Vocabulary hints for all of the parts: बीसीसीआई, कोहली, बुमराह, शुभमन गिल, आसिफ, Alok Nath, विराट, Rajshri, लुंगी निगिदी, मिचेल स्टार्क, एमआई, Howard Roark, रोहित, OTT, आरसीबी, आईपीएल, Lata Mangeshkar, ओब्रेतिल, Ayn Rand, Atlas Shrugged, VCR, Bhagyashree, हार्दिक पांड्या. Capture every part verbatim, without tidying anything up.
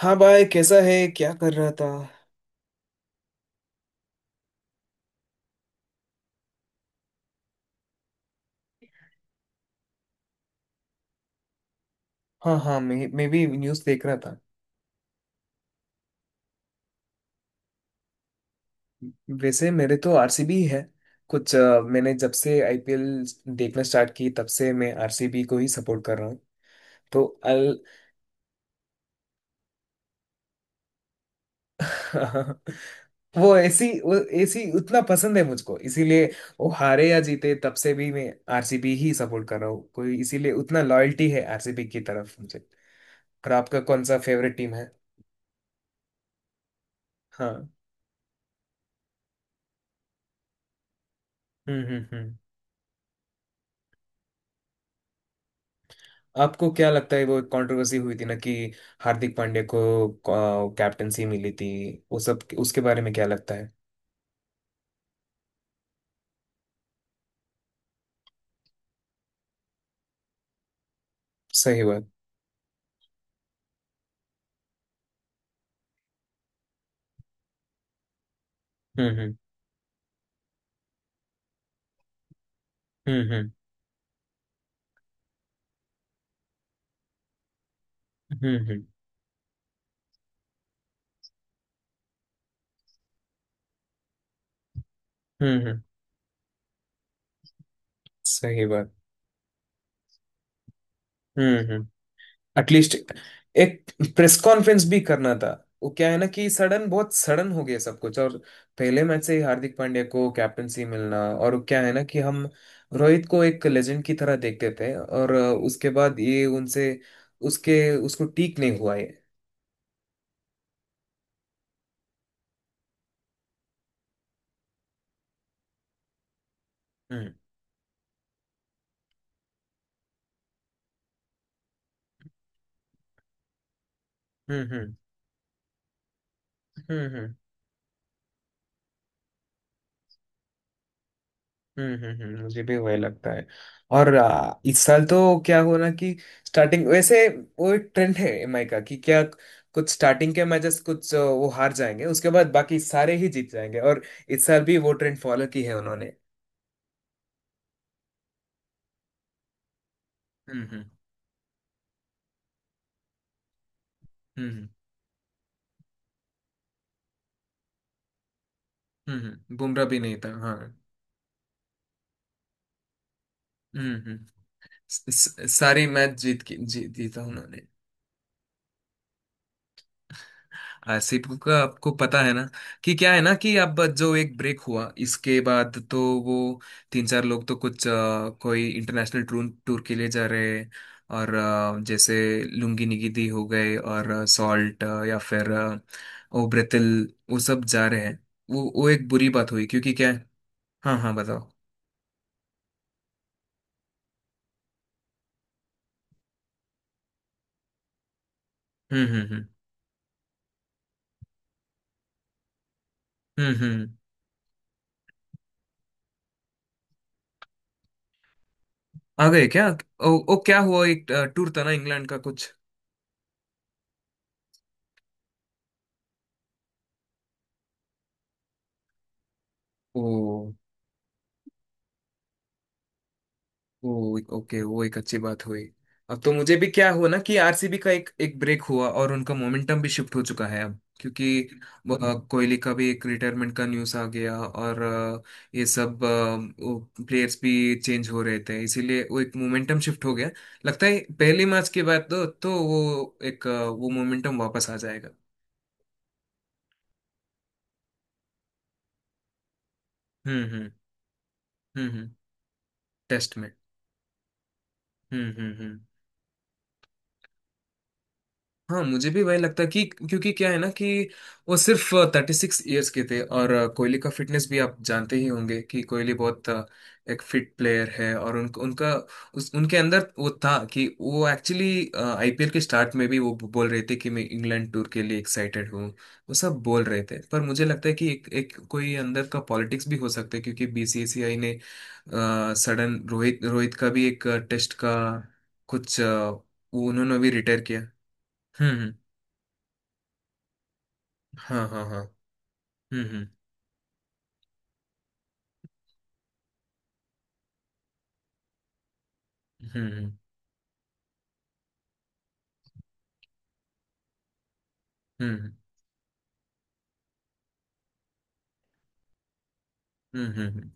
हाँ भाई, कैसा है? क्या कर रहा था? हाँ, हाँ, मैं मैं भी न्यूज़ देख रहा था। वैसे मेरे तो आर सी बी है। कुछ अ, मैंने जब से आई पी एल देखना स्टार्ट की तब से मैं आरसीबी को ही सपोर्ट कर रहा हूँ। तो अल वो ऐसी वो ऐसी उतना पसंद है मुझको, इसीलिए वो हारे या जीते तब से भी मैं आरसीबी ही सपोर्ट कर रहा हूँ, कोई इसीलिए उतना लॉयल्टी है आरसीबी की तरफ मुझे। और आपका कौन सा फेवरेट टीम है? हाँ। हम्म, हम्म, हम्म। आपको क्या लगता है वो एक कंट्रोवर्सी हुई थी ना कि हार्दिक पांड्या को कैप्टनसी मिली थी, वो सब उसके बारे में क्या लगता है? सही बात। हम्म, हम्म, हम्म, हम्म, हम्म, हम्म, हम्म, हम्म। सही बात। हम्म, हम्म। एटलीस्ट एक प्रेस कॉन्फ्रेंस भी करना था। वो क्या है ना कि सडन, बहुत सडन हो गया सब कुछ, और पहले मैच से ही हार्दिक पांड्या को कैप्टनसी मिलना, और वो क्या है ना कि हम रोहित को एक लेजेंड की तरह देखते थे, और अ, उसके बाद ये उनसे उसके उसको ठीक नहीं हुआ है। हम्म, हम्म, हम्म, हम्म, हम्म, हम्म, हम्म, मुझे भी वही लगता है। और आ, इस साल तो क्या हुआ ना कि स्टार्टिंग वैसे वो एक ट्रेंड है एम आई का कि क्या, कुछ स्टार्टिंग के मैचेस कुछ आ, वो हार जाएंगे, उसके बाद बाकी सारे ही जीत जाएंगे, और इस साल भी वो ट्रेंड फॉलो की है उन्होंने। हम्म, हम्म, हम्म, हम्म, बुमराह भी नहीं था, हाँ। हम्म, हम्म। स- स- सारी मैच जीत की जी, जीता उन्होंने। आसिफ का आपको पता है ना कि क्या है ना कि अब जो एक ब्रेक हुआ इसके बाद तो वो तीन चार लोग तो कुछ अ, कोई इंटरनेशनल टूर टूर के लिए जा रहे हैं। और अ, जैसे लुंगी निगिदी हो गए और सॉल्ट, या फिर अ, ओब्रेतिल, वो सब जा रहे हैं। वो वो एक बुरी बात हुई, क्योंकि क्या है? हाँ, हाँ, बताओ। हम्म, हम्म, हम्म, हम्म, हम्म, हम्म। आ गए क्या? ओ, ओ, क्या हुआ, एक टूर था ना इंग्लैंड का कुछ? ओ, वो ओके, वो एक अच्छी बात हुई। अब तो मुझे भी क्या हुआ ना कि आरसीबी का एक एक ब्रेक हुआ और उनका मोमेंटम भी शिफ्ट हो चुका है अब, क्योंकि अ, कोहली का भी एक रिटायरमेंट का न्यूज़ आ गया, और अ, ये सब प्लेयर्स भी चेंज हो रहे थे, इसीलिए वो एक मोमेंटम शिफ्ट हो गया। लगता है पहले मैच के बाद तो तो वो एक अ, वो मोमेंटम वापस आ जाएगा। हम्म, हम्म, हम्म, हम्म। टेस्ट में। हम्म, हम्म, हम्म। हाँ, मुझे भी वही लगता है कि क्योंकि क्या है ना कि वो सिर्फ थर्टी सिक्स ईयर्स के थे, और अ, कोहली का फिटनेस भी आप जानते ही होंगे कि कोहली बहुत अ, एक फिट प्लेयर है, और उन, उनका उस उनके अंदर वो था कि वो एक्चुअली आईपीएल के स्टार्ट में भी वो बोल रहे थे कि मैं इंग्लैंड टूर के लिए एक्साइटेड हूँ। वो सब बोल रहे थे, पर मुझे लगता है कि एक, एक कोई अंदर का पॉलिटिक्स भी हो सकता है, क्योंकि बी सी सी आई ने सडन रोहित रोहित का भी एक टेस्ट का कुछ अ, उन्होंने भी रिटायर किया। हम्म, हाँ, हाँ, हाँ। हम्म, हम्म, हम्म, हम्म, हम्म, हम्म,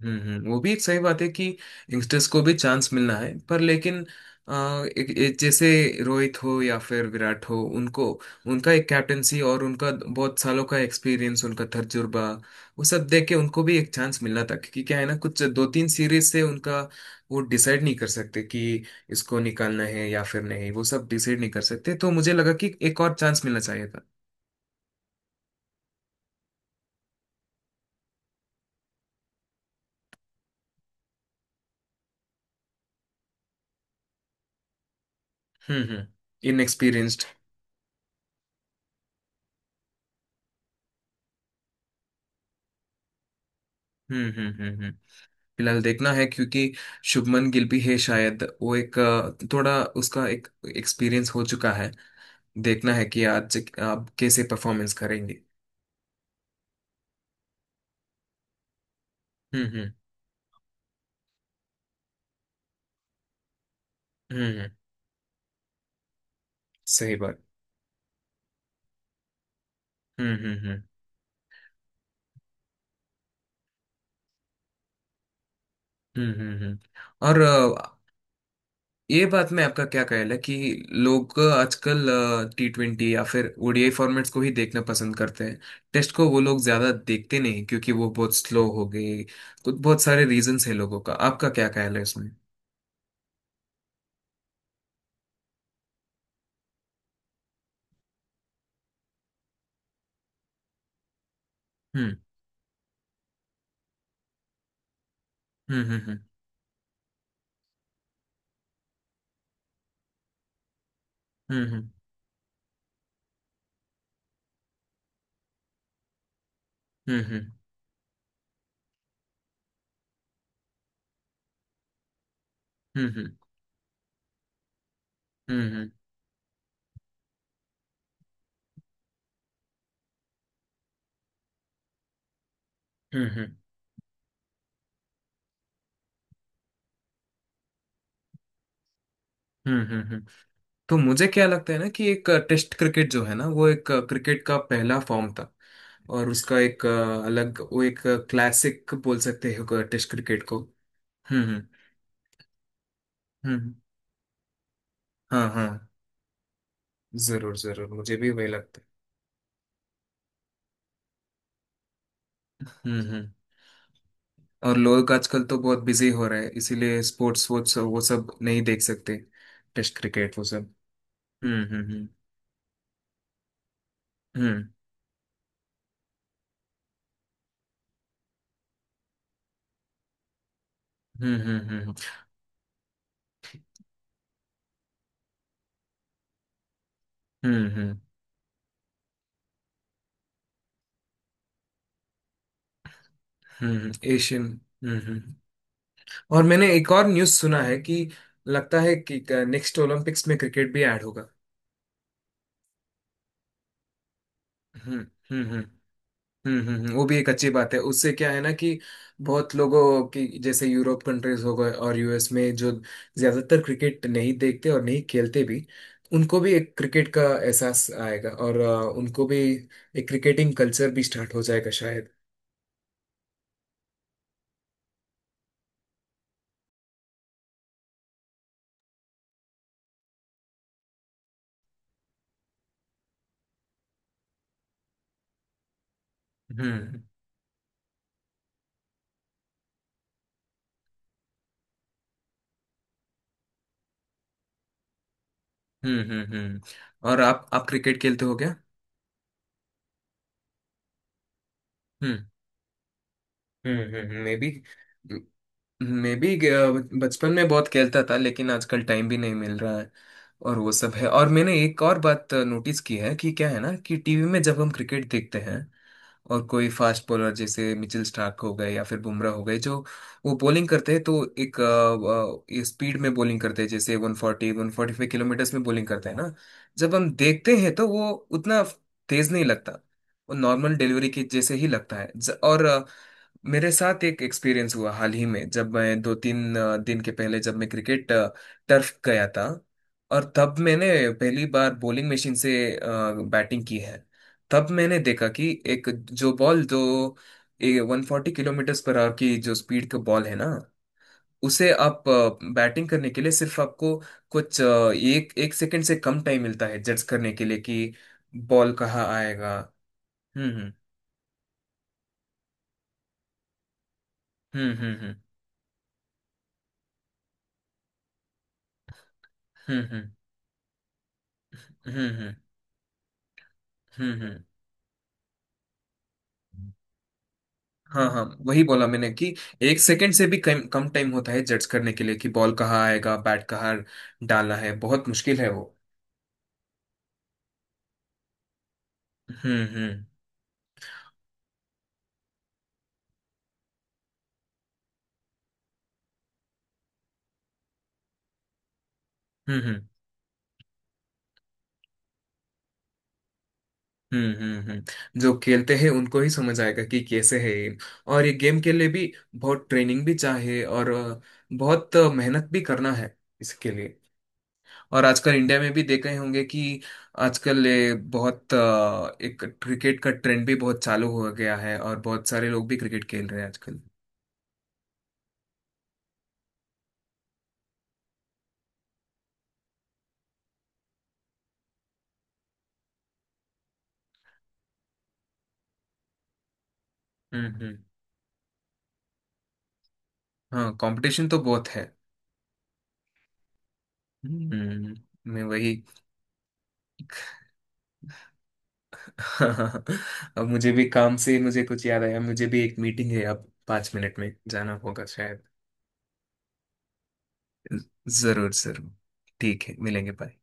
हम्म, हम्म, वो भी एक सही बात है कि यंगस्टर्स को भी चांस मिलना है, पर लेकिन अ, एक, एक जैसे रोहित हो या फिर विराट हो, उनको उनका एक कैप्टेंसी और उनका बहुत सालों का एक्सपीरियंस, उनका तजुर्बा, वो सब देख के उनको भी एक चांस मिलना था, क्योंकि क्या है ना कुछ दो तीन सीरीज से उनका वो डिसाइड नहीं कर सकते कि इसको निकालना है या फिर नहीं, वो सब डिसाइड नहीं कर सकते, तो मुझे लगा कि एक और चांस मिलना चाहिए था। हम्म, हम्म। इनएक्सपीरियंस्ड। हम्म, हम्म, हम्म, हम्म। फिलहाल देखना है, क्योंकि शुभमन गिल भी है, शायद वो एक अ, थोड़ा उसका एक एक्सपीरियंस हो चुका है। देखना है कि आज आप कैसे परफॉर्मेंस करेंगे। हम्म, हम्म, हम्म, हम्म, सही बात। हम्म, हम्म, हम्म, हम्म, हम्म, हम्म। और अ, ये बात में आपका क्या ख्याल है कि लोग आजकल टी ट्वेंटी या फिर ओ डी आई फॉर्मेट्स को ही देखना पसंद करते हैं, टेस्ट को वो लोग ज्यादा देखते नहीं, क्योंकि वो बहुत स्लो हो गए, तो बहुत सारे रीजंस है, लोगों का आपका क्या ख्याल है इसमें? हम्म, हम्म, हम्म, हम्म, हम्म, हम्म, हम्म, हम्म, हम्म, हम्म, हम्म। तो मुझे क्या लगता है ना कि एक टेस्ट क्रिकेट जो है ना, वो एक क्रिकेट का पहला फॉर्म था, और उसका एक अ, अलग वो एक क्लासिक बोल सकते हो टेस्ट क्रिकेट को। हम्म, हम्म, हम्म, हाँ, हाँ, जरूर जरूर, मुझे भी वही लगता है। हम्म, हम्म। और लोग आजकल तो बहुत बिजी हो रहे हैं, इसीलिए स्पोर्ट्स वोर्ट्स वो सब नहीं देख सकते। टेस्ट क्रिकेट वो सब। हम्म, हम्म, हम्म, हम्म, हम्म, हम्म, हम्म, हम्म, हम्म, हम्म, एशियन। हम्म, हम्म। और मैंने एक और न्यूज़ सुना है कि लगता है कि नेक्स्ट ओलंपिक्स में क्रिकेट भी ऐड होगा। हम्म, हम्म, हम्म, हम्म, हम्म, हम्म, वो भी एक अच्छी बात है, उससे क्या है ना कि बहुत लोगों की, जैसे यूरोप कंट्रीज हो गए और यूएस में जो ज्यादातर क्रिकेट नहीं देखते और नहीं खेलते भी, उनको भी एक क्रिकेट का एहसास आएगा, और अ, उनको भी एक क्रिकेटिंग कल्चर भी स्टार्ट हो जाएगा शायद। हम्म, हम्म, हम्म, हम्म। और आप आप क्रिकेट खेलते हो क्या? हम्म, हम्म, हम्म, मे बी। मे बी बचपन में बहुत खेलता था, लेकिन आजकल टाइम भी नहीं मिल रहा है, और वो सब है। और मैंने एक और बात नोटिस की है कि क्या है ना कि टी वी में जब हम क्रिकेट देखते हैं, और कोई फास्ट बॉलर जैसे मिचेल स्टार्क हो गए या फिर बुमराह हो गए, जो वो बॉलिंग करते हैं, तो एक स्पीड में बॉलिंग करते हैं, जैसे one forty one forty five kilometres में बॉलिंग करते हैं ना, जब हम देखते हैं तो वो उतना तेज नहीं लगता, वो नॉर्मल डिलीवरी के जैसे ही लगता है। ज- और मेरे साथ एक एक्सपीरियंस हुआ हाल ही में, जब मैं दो तीन अ, दिन के पहले जब मैं क्रिकेट अ, टर्फ गया था, और तब मैंने पहली बार बॉलिंग मशीन से अ, बैटिंग की है। तब मैंने देखा कि एक जो बॉल जो one forty kilometre per hour की जो स्पीड का बॉल है ना, उसे आप बैटिंग करने के लिए सिर्फ आपको कुछ अ, एक एक सेकंड से कम टाइम मिलता है जज करने के लिए कि बॉल कहाँ आएगा। हम्म, हम्म, हम्म, हम्म, हम्म, हम्म, हम्म, हम्म, हम्म, हम्म, हम्म, हम्म। हाँ, हाँ, वही बोला मैंने कि एक सेकंड से भी कम कम टाइम होता है जज करने के लिए कि बॉल कहाँ आएगा, बैट कहाँ डालना है, बहुत मुश्किल है वो। हम्म, हम्म, हम्म, हम्म, हम्म, हम्म, हम्म। जो खेलते हैं उनको ही समझ आएगा कि कैसे है ये, और ये गेम के लिए भी बहुत ट्रेनिंग भी चाहिए और अ, बहुत अ, मेहनत भी करना है इसके लिए। और आजकल इंडिया में भी देख रहे होंगे कि आजकल ये बहुत अ, एक क्रिकेट का ट्रेंड भी बहुत चालू हो गया है और बहुत सारे लोग भी क्रिकेट खेल रहे हैं आजकल। हम्म, हम्म। हाँ, कंपटीशन तो बहुत है। हम्म, हम्म। मैं वही। अब मुझे भी काम से मुझे कुछ याद आया, मुझे भी एक मीटिंग है अब, पाँच मिनट में जाना होगा शायद। जरूर जरूर, ठीक है मिलेंगे बाद।